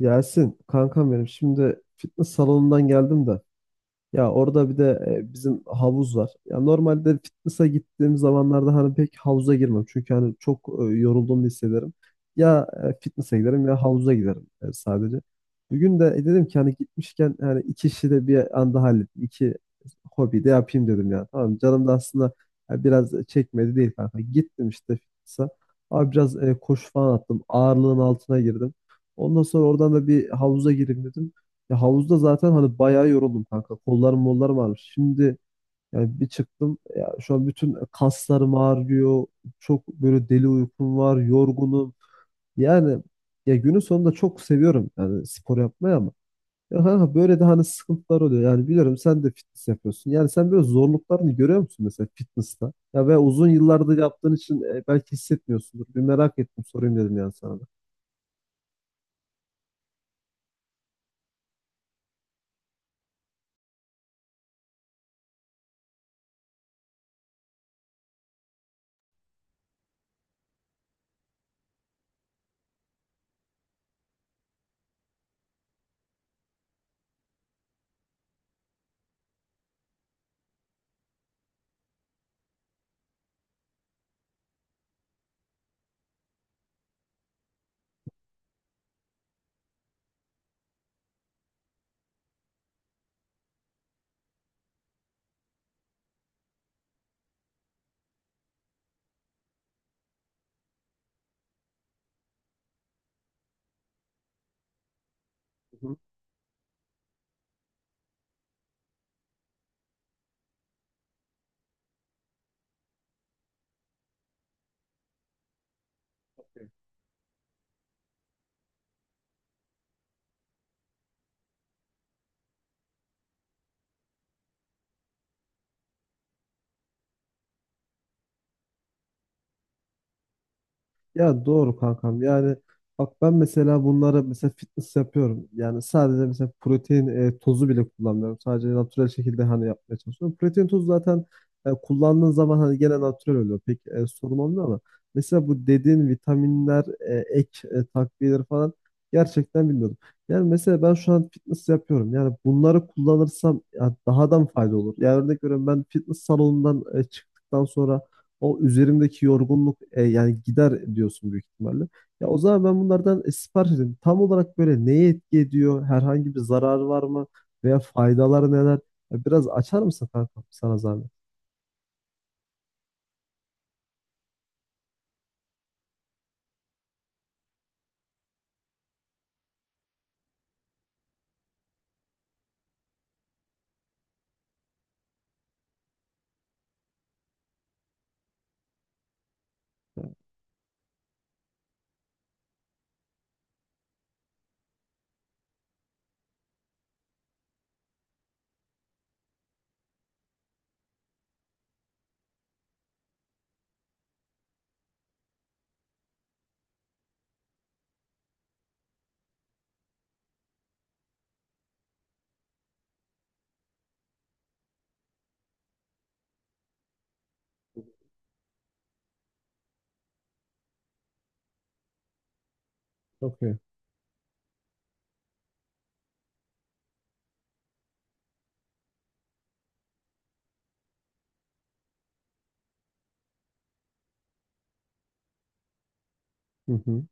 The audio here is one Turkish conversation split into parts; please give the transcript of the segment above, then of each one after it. Yasin kankam benim şimdi fitness salonundan geldim de. Ya orada bir de bizim havuz var. Ya normalde fitness'a gittiğim zamanlarda hani pek havuza girmem. Çünkü hani çok yorulduğumu hissederim. Ya fitness'a giderim ya havuza giderim sadece. Bugün de dedim ki hani gitmişken hani iki işi de bir anda hallettim. İki hobi de yapayım dedim ya. Tamam canım da aslında ya biraz çekmedi değil kanka. Gittim işte fitness'a. Abi biraz koşu falan attım. Ağırlığın altına girdim. Ondan sonra oradan da bir havuza gireyim dedim. Ya havuzda zaten hani bayağı yoruldum kanka. Kollarım mollarım ağrımış. Şimdi yani bir çıktım. Ya şu an bütün kaslarım ağrıyor. Çok böyle deli uykum var. Yorgunum. Yani ya günün sonunda çok seviyorum yani spor yapmayı ama. Ya kanka böyle de hani sıkıntılar oluyor. Yani biliyorum sen de fitness yapıyorsun. Yani sen böyle zorluklarını görüyor musun mesela fitness'ta? Ya ve uzun yıllardır yaptığın için belki hissetmiyorsundur. Bir merak ettim sorayım dedim yani sana da. Hı hı. Ya doğru kankam. Yani bak ben mesela bunları mesela fitness yapıyorum. Yani sadece mesela protein tozu bile kullanmıyorum. Sadece natürel şekilde hani yapmaya çalışıyorum. Protein tozu zaten kullandığın zaman hani gene natürel oluyor. Pek sorun olmuyor ama mesela bu dediğin vitaminler, ek takviyeleri falan gerçekten bilmiyordum. Yani mesela ben şu an fitness yapıyorum. Yani bunları kullanırsam ya daha da mı fayda olur? Yani örnek veriyorum ben fitness salonundan çıktıktan sonra o üzerimdeki yorgunluk yani gider diyorsun büyük ihtimalle. Ya o zaman ben bunlardan sipariş edeyim. Tam olarak böyle neye etki ediyor? Herhangi bir zararı var mı? Veya faydaları neler? Ya biraz açar mısın kanka sana zahmet? Ha, çok iyi. Hı hı.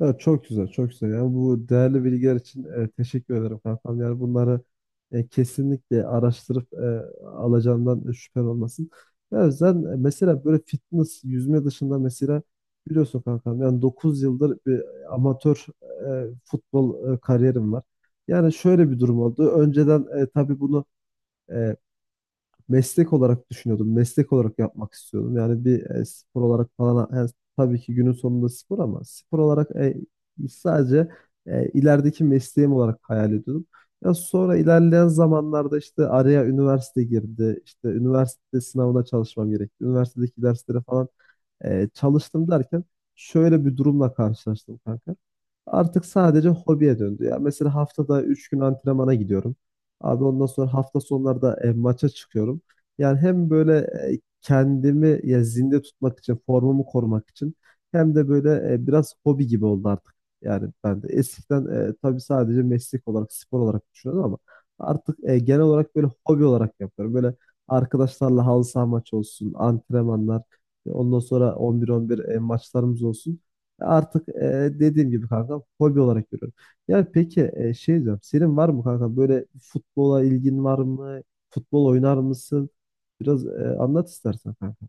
Ya çok güzel, çok güzel. Yani bu değerli bilgiler için teşekkür ederim kankam. Yani bunları kesinlikle araştırıp alacağımdan şüphen olmasın. Ya sen mesela böyle fitness, yüzme dışında mesela biliyorsun kankam yani 9 yıldır bir amatör futbol kariyerim var. Yani şöyle bir durum oldu. Önceden tabii bunu e, meslek olarak düşünüyordum. Meslek olarak yapmak istiyordum. Yani bir spor olarak falan yani tabii ki günün sonunda spor ama spor olarak sadece ilerideki mesleğim olarak hayal ediyordum. Ya sonra ilerleyen zamanlarda işte araya üniversite girdi. İşte üniversite sınavına çalışmam gerekti. Üniversitedeki derslere falan çalıştım derken şöyle bir durumla karşılaştım kanka. Artık sadece hobiye döndü ya. Mesela haftada 3 gün antrenmana gidiyorum. Abi ondan sonra hafta sonları da maça çıkıyorum. Yani hem böyle kendimi ya zinde tutmak için, formumu korumak için hem de böyle biraz hobi gibi oldu artık. Yani ben de eskiden tabii sadece meslek olarak, spor olarak düşünüyordum ama artık genel olarak böyle hobi olarak yapıyorum. Böyle arkadaşlarla halı saha maçı olsun, antrenmanlar, ondan sonra 11-11 maçlarımız olsun. Artık dediğim gibi kanka hobi olarak görüyorum. Ya peki şey diyorum. Senin var mı kanka böyle futbola ilgin var mı? Futbol oynar mısın? Biraz anlat istersen kanka.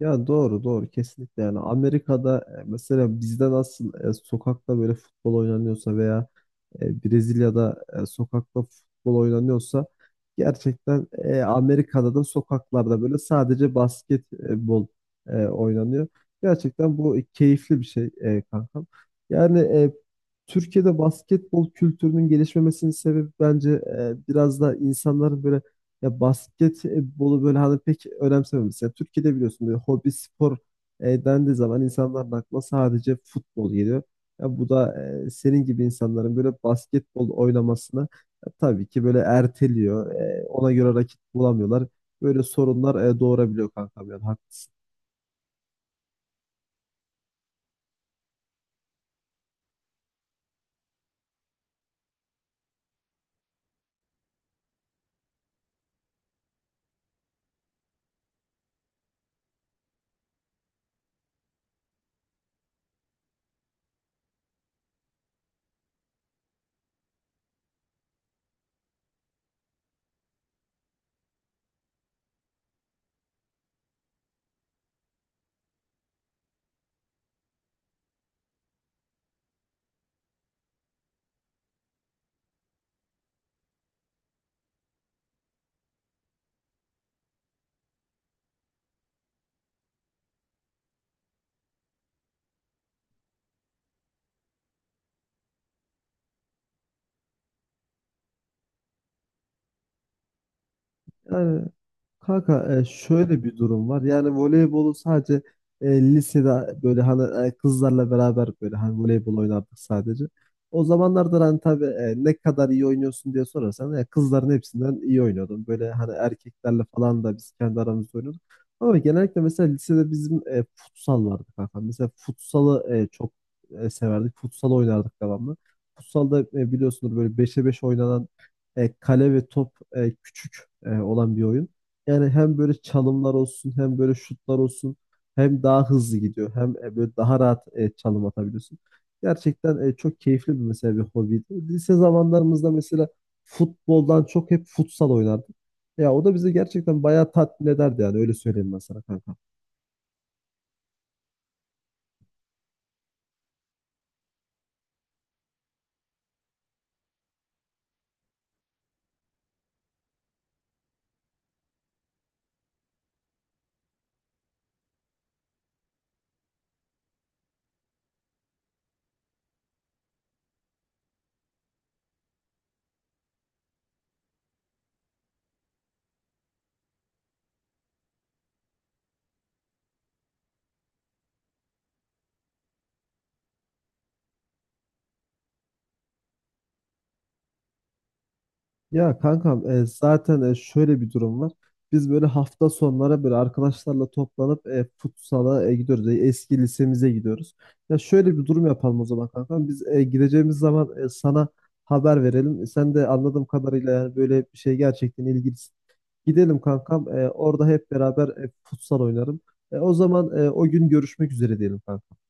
Ya doğru doğru kesinlikle yani Amerika'da mesela bizde nasıl sokakta böyle futbol oynanıyorsa veya Brezilya'da sokakta futbol oynanıyorsa gerçekten Amerika'da da sokaklarda böyle sadece basketbol oynanıyor. Gerçekten bu keyifli bir şey kankam. Yani Türkiye'de basketbol kültürünün gelişmemesinin sebebi bence biraz da insanların böyle ya basketbolu böyle hani pek önemsememesi. Yani Türkiye'de biliyorsun böyle hobi spor dendiği zaman insanların aklına sadece futbol geliyor. Ya bu da senin gibi insanların böyle basketbol oynamasını tabii ki böyle erteliyor. E, ona göre rakip bulamıyorlar. Böyle sorunlar doğurabiliyor kankam yani haklısın. Yani kanka şöyle bir durum var. Yani voleybolu sadece lisede böyle hani kızlarla beraber böyle hani voleybol oynardık sadece. O zamanlarda hani tabii ne kadar iyi oynuyorsun diye sorarsan kızların hepsinden iyi oynuyordum. Böyle hani erkeklerle falan da biz kendi aramızda oynuyorduk. Ama genellikle mesela lisede bizim futsal vardı kanka. Mesela futsalı çok severdik. Futsal oynardık devamlı. Futsalda biliyorsunuz böyle 5'e 5 oynanan kale ve top küçük olan bir oyun. Yani hem böyle çalımlar olsun hem böyle şutlar olsun hem daha hızlı gidiyor hem böyle daha rahat çalım atabiliyorsun. Gerçekten çok keyifli bir mesela bir hobiydi. Lise zamanlarımızda mesela futboldan çok hep futsal oynardık. Ya o da bizi gerçekten bayağı tatmin ederdi yani öyle söyleyeyim ben sana kanka. Ya kankam zaten şöyle bir durum var. Biz böyle hafta sonlara böyle arkadaşlarla toplanıp futsala gidiyoruz. E, eski lisemize gidiyoruz. Ya şöyle bir durum yapalım o zaman kankam. Biz gideceğimiz zaman sana haber verelim. E, sen de anladığım kadarıyla yani böyle bir şey gerçekten ilgilisin. Gidelim kankam. E, orada hep beraber futsal oynarım. E, o zaman o gün görüşmek üzere diyelim kankam.